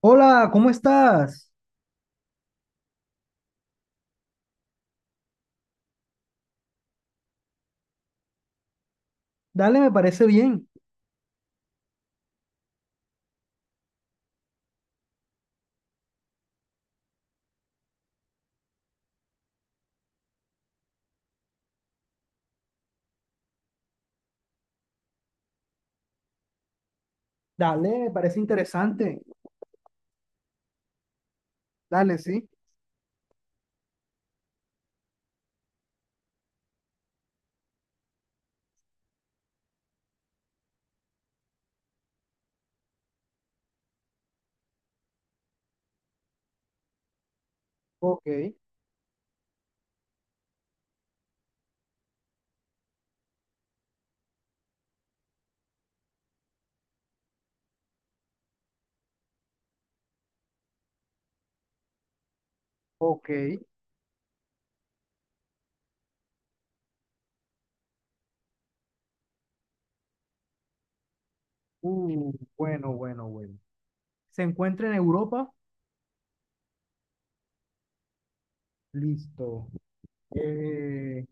Hola, ¿cómo estás? Dale, me parece bien. Dale, me parece interesante. Dale, sí. Ok, ok. Bueno, bueno, bueno. ¿Se encuentra en Europa? Listo. Eh,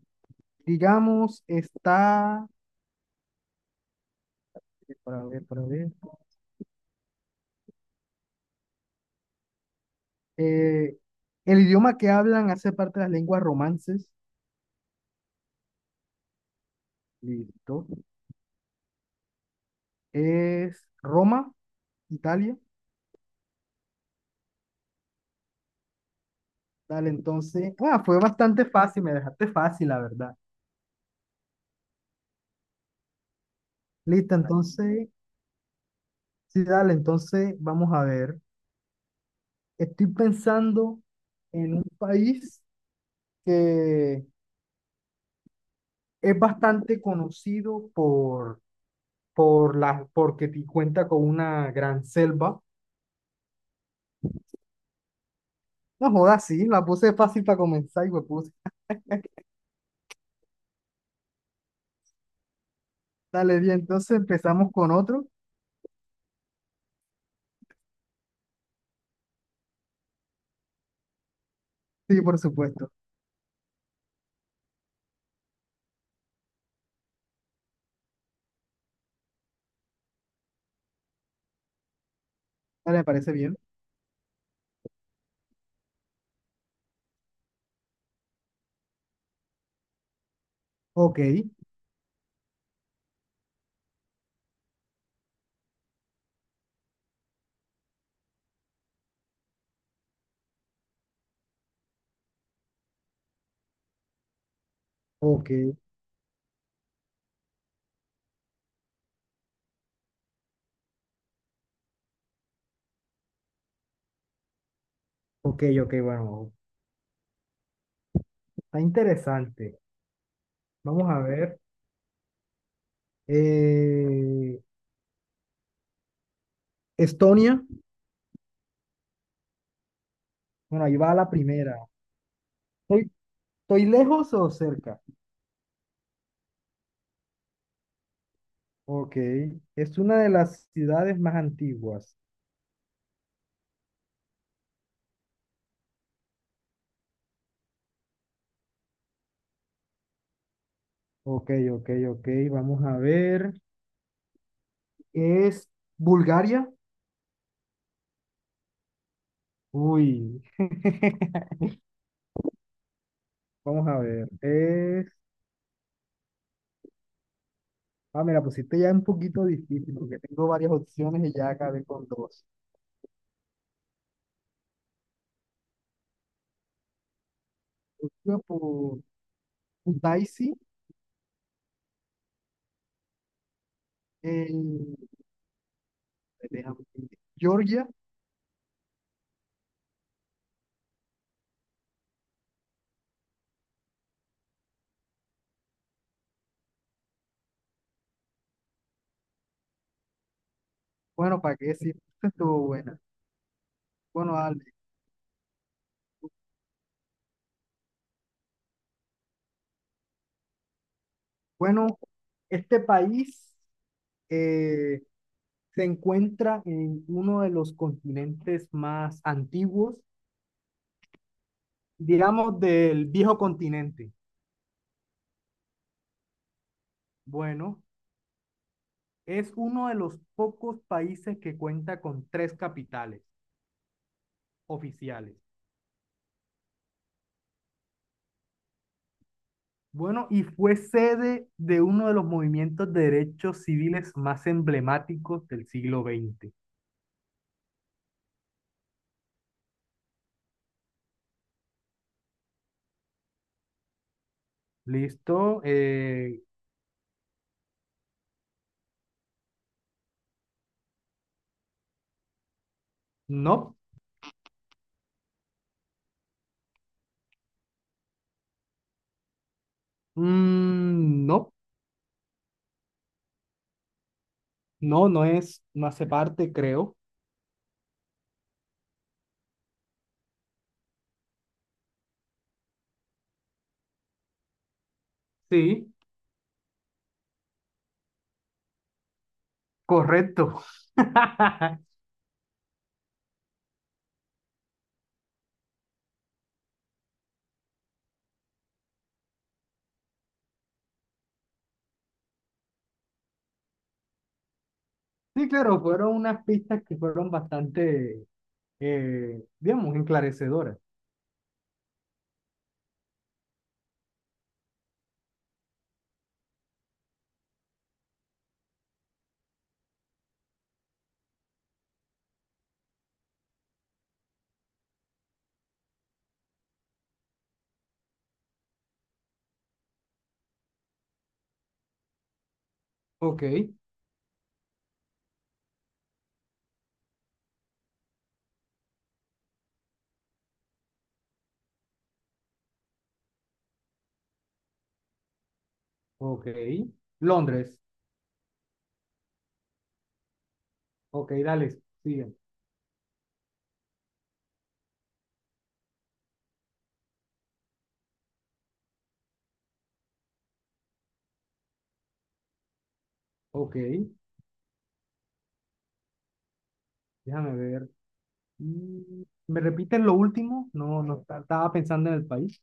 digamos, está... Para ver, para ver. Eh, el idioma que hablan hace parte de las lenguas romances. Listo. Es Roma, Italia. Dale, entonces. Fue bastante fácil, me dejaste fácil, la verdad. Listo, entonces. Sí, dale, entonces vamos a ver. Estoy pensando en un país que es bastante conocido por la, porque ti- cuenta con una gran selva. No jodas, sí, la puse fácil para comenzar y pues puse. Dale, bien, entonces empezamos con otro. Sí, por supuesto. Dale, me parece bien. Ok, ok, ok, ok, bueno, está interesante. Vamos a ver. Eh, Estonia, bueno, ahí va la primera. ¿Estoy lejos o cerca? Ok, es una de las ciudades más antiguas. Ok, ok, ok, vamos a ver. ¿Es Bulgaria? Uy, vamos a ver. Es... Me la pusiste ya un poquito difícil porque tengo varias opciones y ya acabé con dos. Iba por Daisy, en... déjame ver, Georgia. Bueno, ¿para qué decir? Esta estuvo buena. Bueno, dale. Bueno, este país... eh, se encuentra en uno de los continentes más antiguos, digamos del viejo continente. Bueno, es uno de los pocos países que cuenta con tres capitales oficiales. Bueno, y fue sede de uno de los movimientos de derechos civiles más emblemáticos del siglo XX. ¿Listo? No. Mm, no, no, no es, no hace parte, creo. Sí, correcto. Sí, claro, fueron unas pistas que fueron bastante, digamos, enclarecedoras. Ok, ok. Londres. Ok, dale, sigue. Ok, déjame ver. Mm, ¿me repiten lo último? No, no, estaba pensando en el país.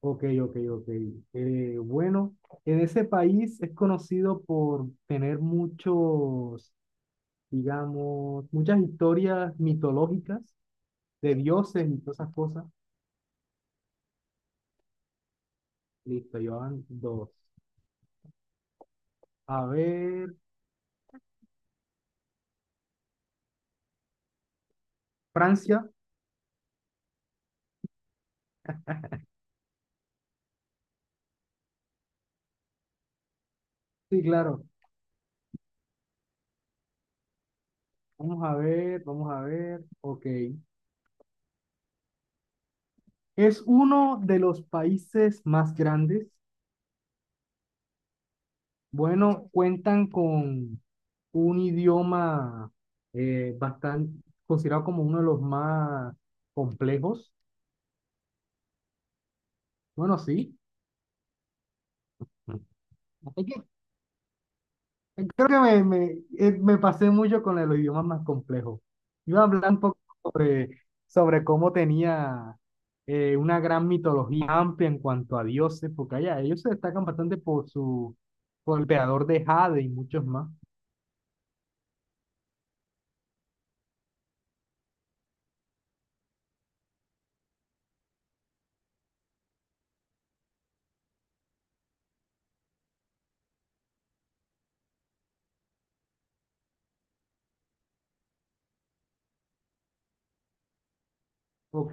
Ok, ok, ok. Bueno, en ese país es conocido por tener muchos, digamos, muchas historias mitológicas de dioses y todas esas cosas. Listo, llevan dos. A ver, Francia, sí, claro. Vamos a ver, vamos a ver. Ok. Es uno de los países más grandes. Bueno, cuentan con un idioma bastante considerado como uno de los más complejos. Bueno, sí. Hay que creo que me pasé mucho con los idiomas más complejos. Iba a hablar un poco sobre cómo tenía una gran mitología amplia en cuanto a dioses, porque allá ellos se destacan bastante por su, por el creador de Jade y muchos más. Ok,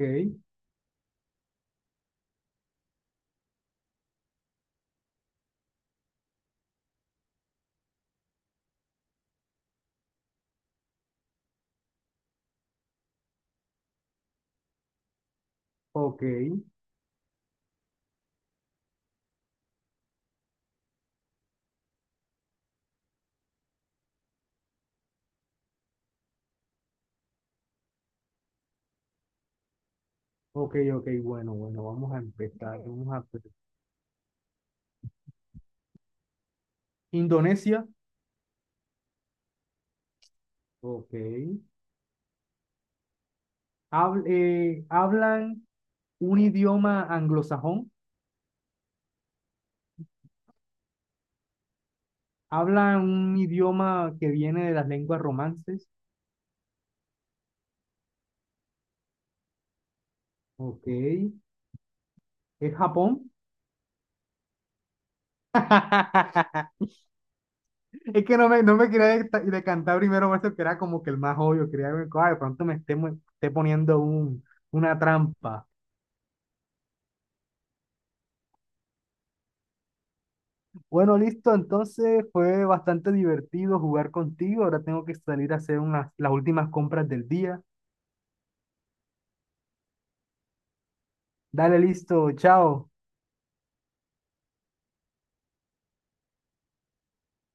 ok, ok, ok, bueno, bueno, vamos a empezar. Vamos a... empezar. Indonesia, ok. Hablan un idioma anglosajón. Habla un idioma que viene de las lenguas romances. Ok. ¿Es Japón? Es que no me quería decantar primero por eso que era como que el más obvio. Quería ver, "Ay, de pronto me esté, esté poniendo un, una trampa". Bueno, listo. Entonces fue bastante divertido jugar contigo. Ahora tengo que salir a hacer unas, las últimas compras del día. Dale, listo. Chao.